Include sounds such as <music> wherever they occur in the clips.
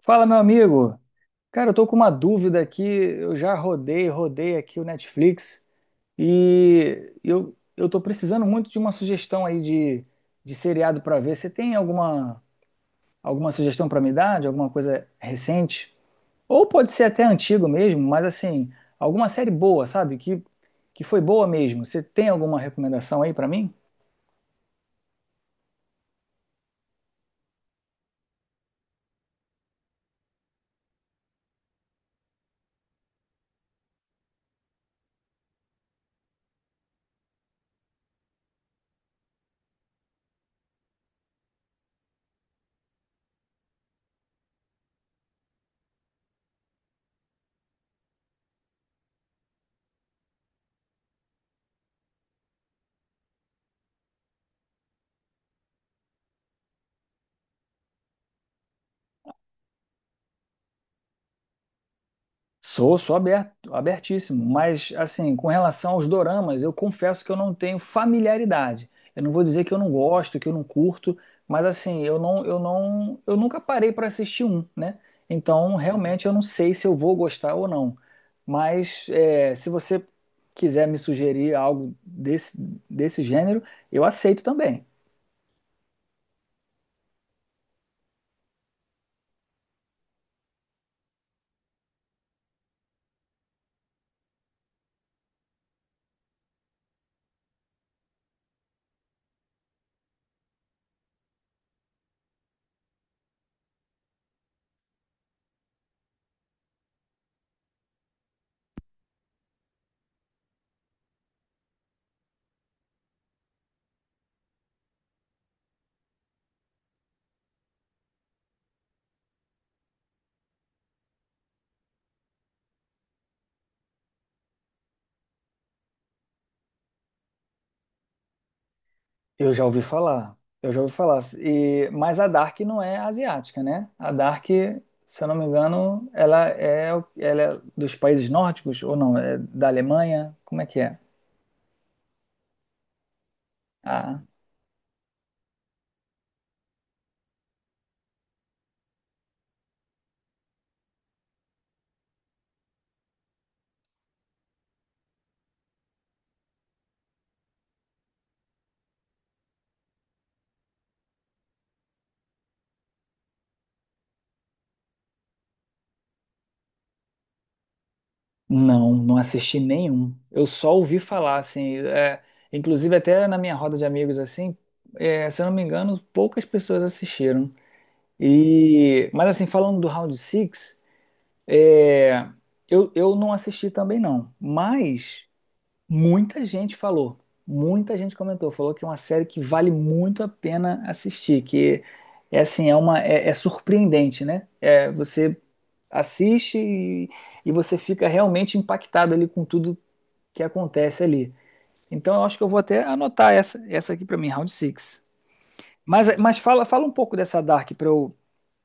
Fala, meu amigo. Cara, eu tô com uma dúvida aqui. Eu já rodei aqui o Netflix e eu tô precisando muito de uma sugestão aí de seriado pra ver. Você tem alguma sugestão pra me dar de alguma coisa recente? Ou pode ser até antigo mesmo, mas assim, alguma série boa, sabe? Que foi boa mesmo. Você tem alguma recomendação aí pra mim? Sou aberto, abertíssimo, mas assim, com relação aos doramas, eu confesso que eu não tenho familiaridade. Eu não vou dizer que eu não gosto, que eu não curto, mas assim, eu não, eu nunca parei para assistir um, né? Então, realmente eu não sei se eu vou gostar ou não. Mas é, se você quiser me sugerir algo desse gênero, eu aceito também. Eu já ouvi falar. E, mas a Dark não é asiática, né? A Dark, se eu não me engano, ela é dos países nórdicos, ou não, é da Alemanha? Como é que é? Ah, não, não assisti nenhum. Eu só ouvi falar, assim, é, inclusive até na minha roda de amigos, assim, é, se eu não me engano, poucas pessoas assistiram. E, mas assim, falando do Round Six, é, eu não assisti também não, mas... Muita gente falou, muita gente comentou, falou que é uma série que vale muito a pena assistir, que é assim, é surpreendente, né? É, você assiste e você fica realmente impactado ali com tudo que acontece ali. Então eu acho que eu vou até anotar essa aqui pra mim, Round Six. Mas fala um pouco dessa Dark pra eu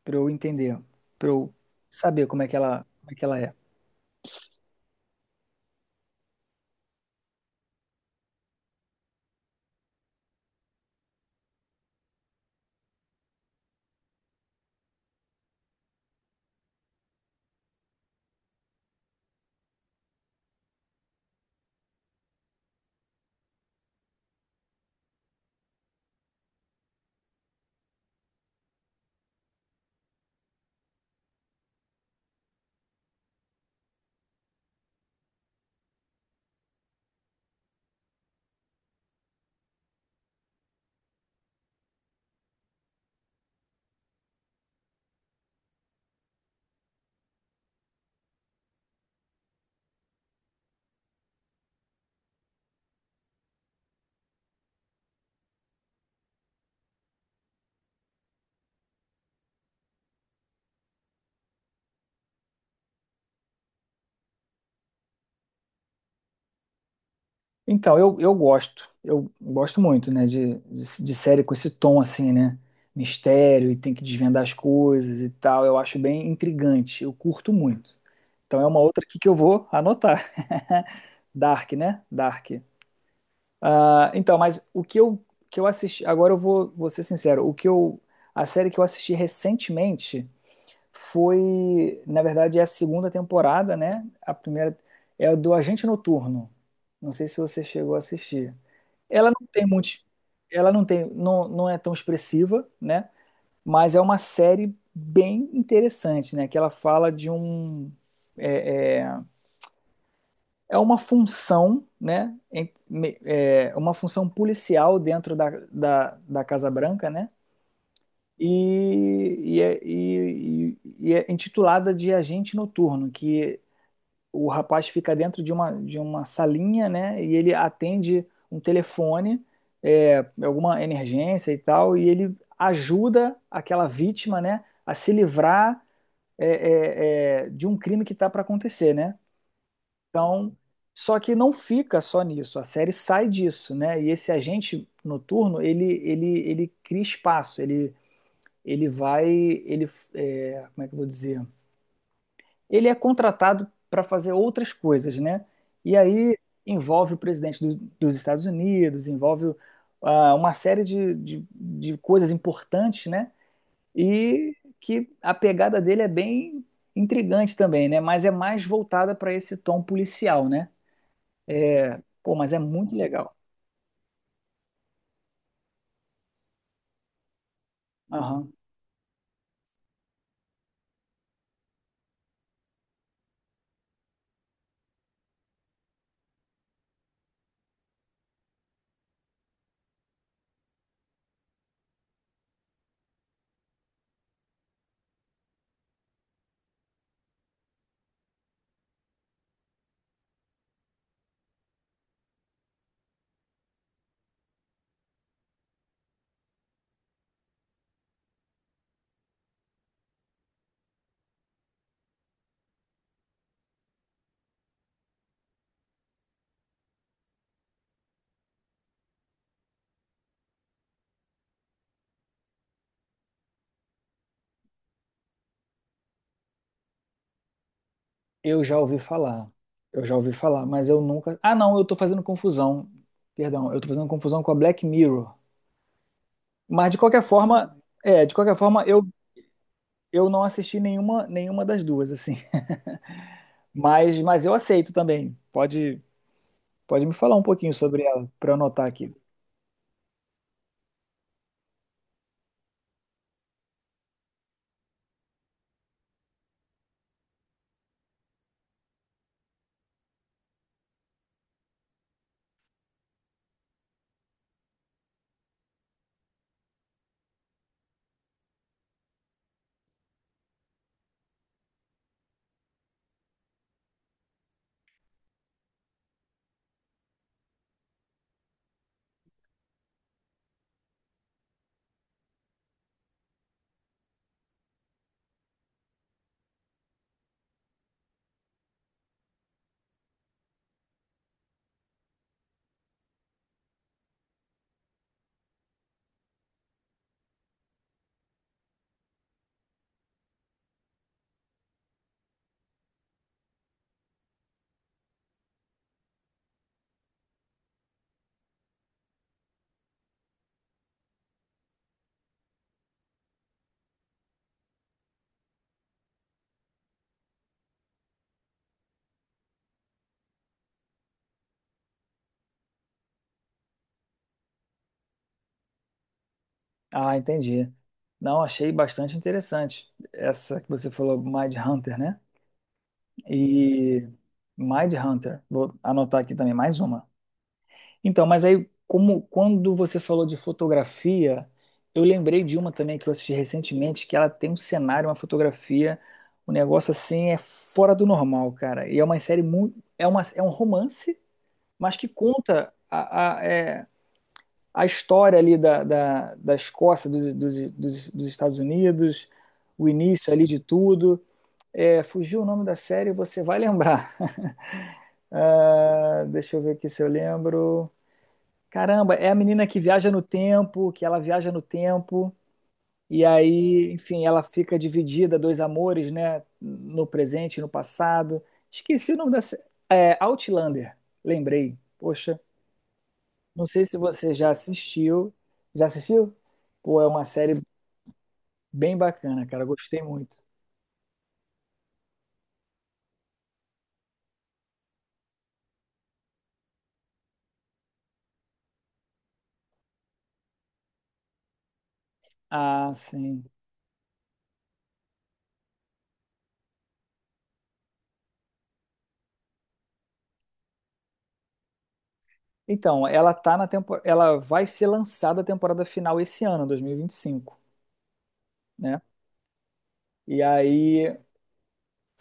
para eu entender, pra eu saber como é que ela é. Então, eu gosto muito, né, de série com esse tom assim, né, mistério e tem que desvendar as coisas e tal, eu acho bem intrigante, eu curto muito. Então é uma outra aqui que eu vou anotar. <laughs> Dark, né? Dark. Ah, então, mas que eu assisti, agora vou ser sincero, a série que eu assisti recentemente foi, na verdade, é a segunda temporada, né? A primeira é a do Agente Noturno. Não sei se você chegou a assistir. Ela não tem muito, ela não tem, não, não é tão expressiva, né? Mas é uma série bem interessante, né? Que ela fala de um é, é, é uma função, né? É uma função policial dentro da Casa Branca, né? E é intitulada de Agente Noturno, que o rapaz fica dentro de uma salinha, né? E ele atende um telefone, é, alguma emergência e tal, e ele ajuda aquela vítima, né, a se livrar de um crime que está para acontecer, né? Então, só que não fica só nisso, a série sai disso, né? E esse agente noturno, ele cria espaço, ele vai, ele, é, como é que eu vou dizer? Ele é contratado para fazer outras coisas, né? E aí envolve o presidente dos Estados Unidos, envolve ah, uma série de coisas importantes, né? E que a pegada dele é bem intrigante também, né? Mas é mais voltada para esse tom policial, né? É, pô, mas é muito legal. Aham. Eu já ouvi falar. Eu já ouvi falar, mas eu nunca. Ah, não, eu tô fazendo confusão. Perdão, eu tô fazendo confusão com a Black Mirror. Mas de qualquer forma, é, de qualquer forma, eu, eu não assisti nenhuma, nenhuma das duas, assim. <laughs> Mas eu aceito também. Pode me falar um pouquinho sobre ela, para eu anotar aqui. Ah, entendi. Não, achei bastante interessante. Essa que você falou, Mind Hunter, né? E Mind Hunter. Vou anotar aqui também mais uma. Então, mas aí, como quando você falou de fotografia, eu lembrei de uma também que eu assisti recentemente, que ela tem um cenário, uma fotografia, um negócio assim é fora do normal, cara. E é uma série muito, é uma, é um romance, mas que conta a história ali da Escócia, dos Estados Unidos, o início ali de tudo. É, fugiu o nome da série, você vai lembrar. <laughs> Ah, deixa eu ver aqui se eu lembro. Caramba, é a menina que ela viaja no tempo, e aí, enfim, ela fica dividida, dois amores, né? No presente e no passado. Esqueci o nome da. Série. É, Outlander, lembrei. Poxa, não sei se você já assistiu. Já assistiu? Pô, é uma série bem bacana, cara, gostei muito. Ah, sim. Então, ela tá na tempo... ela vai ser lançada a temporada final esse ano, 2025, né? E aí.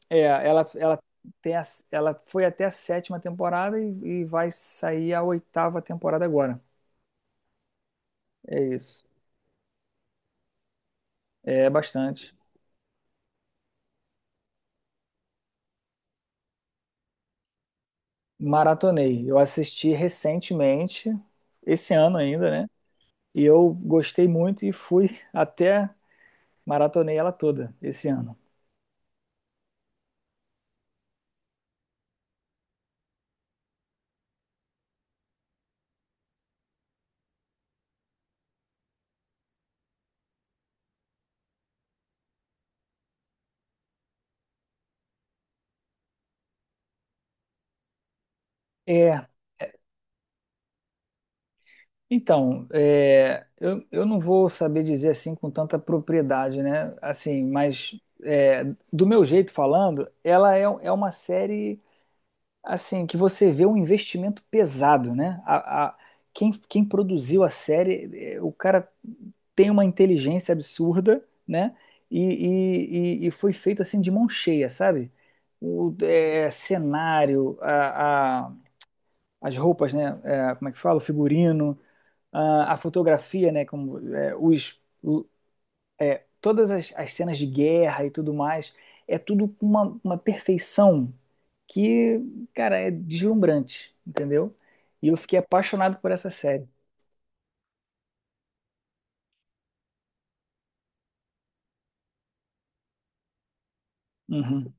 É, tem a- ela foi até a sétima temporada e vai sair a oitava temporada agora. É isso. É bastante. Maratonei. Eu assisti recentemente, esse ano ainda, né? E eu gostei muito e fui <laughs> até maratonei ela toda esse ano. É, então, é, eu não vou saber dizer assim com tanta propriedade, né? Assim, mas é, do meu jeito falando, é uma série assim, que você vê um investimento pesado, né? Quem, quem produziu a série, eh, o cara tem uma inteligência absurda, né? E foi feito assim de mão cheia, sabe? O eh, as roupas, né? Eh, como é que fala? O figurino, a fotografia, né? Como, eh, os todas as cenas de guerra e tudo mais, é tudo com uma perfeição que, cara, é deslumbrante, entendeu? E eu fiquei apaixonado por essa série. Uhum.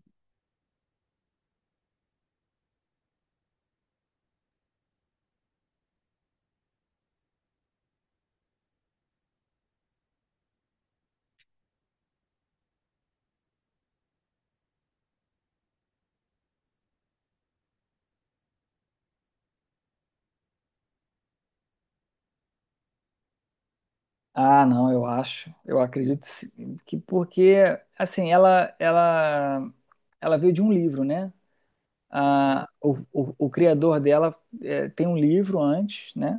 Ah, não, eu acho, eu acredito sim, que porque, assim, ela veio de um livro, né? Ah, o criador dela eh, tem um livro antes, né?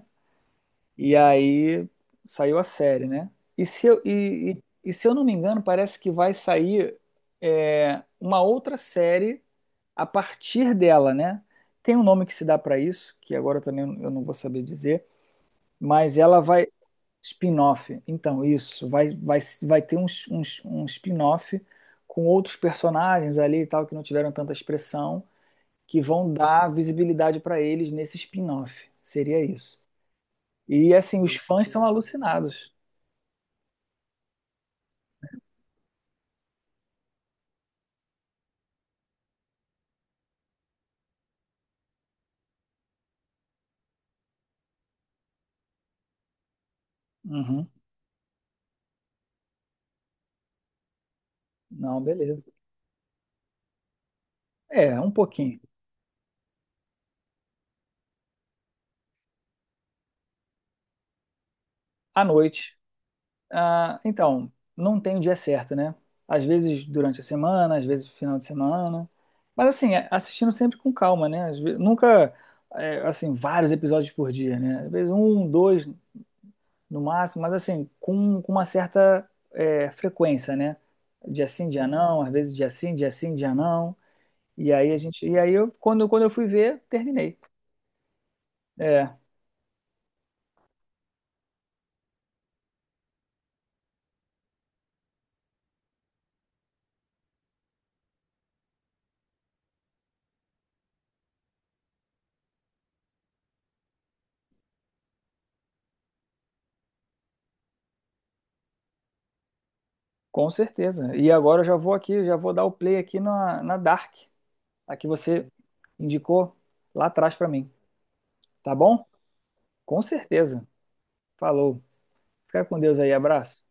E aí saiu a série, né? E se eu não me engano, parece que vai sair é, uma outra série a partir dela, né? Tem um nome que se dá para isso, que agora também eu não vou saber dizer, mas ela vai. Spin-off. Então, isso. Vai ter um spin-off com outros personagens ali e tal, que não tiveram tanta expressão, que vão dar visibilidade para eles nesse spin-off. Seria isso. E assim, os fãs são alucinados. Uhum. Não, beleza. É, um pouquinho. À noite. Ah, então, não tem o dia certo, né? Às vezes durante a semana, às vezes no final de semana. Mas assim, é- assistindo sempre com calma, né? Às ve- nunca, é, assim, vários episódios por dia, né? Às vezes um, dois no máximo, mas assim, com uma certa, é, frequência, né? Dia sim, dia não, às vezes dia sim, dia sim, dia não. E aí a gente. E aí eu, quando eu fui ver, terminei. É. Com certeza. E agora eu já vou aqui, já vou dar o play aqui na Dark, a que você indicou lá atrás pra mim, tá bom? Com certeza. Falou. Fica com Deus aí, abraço.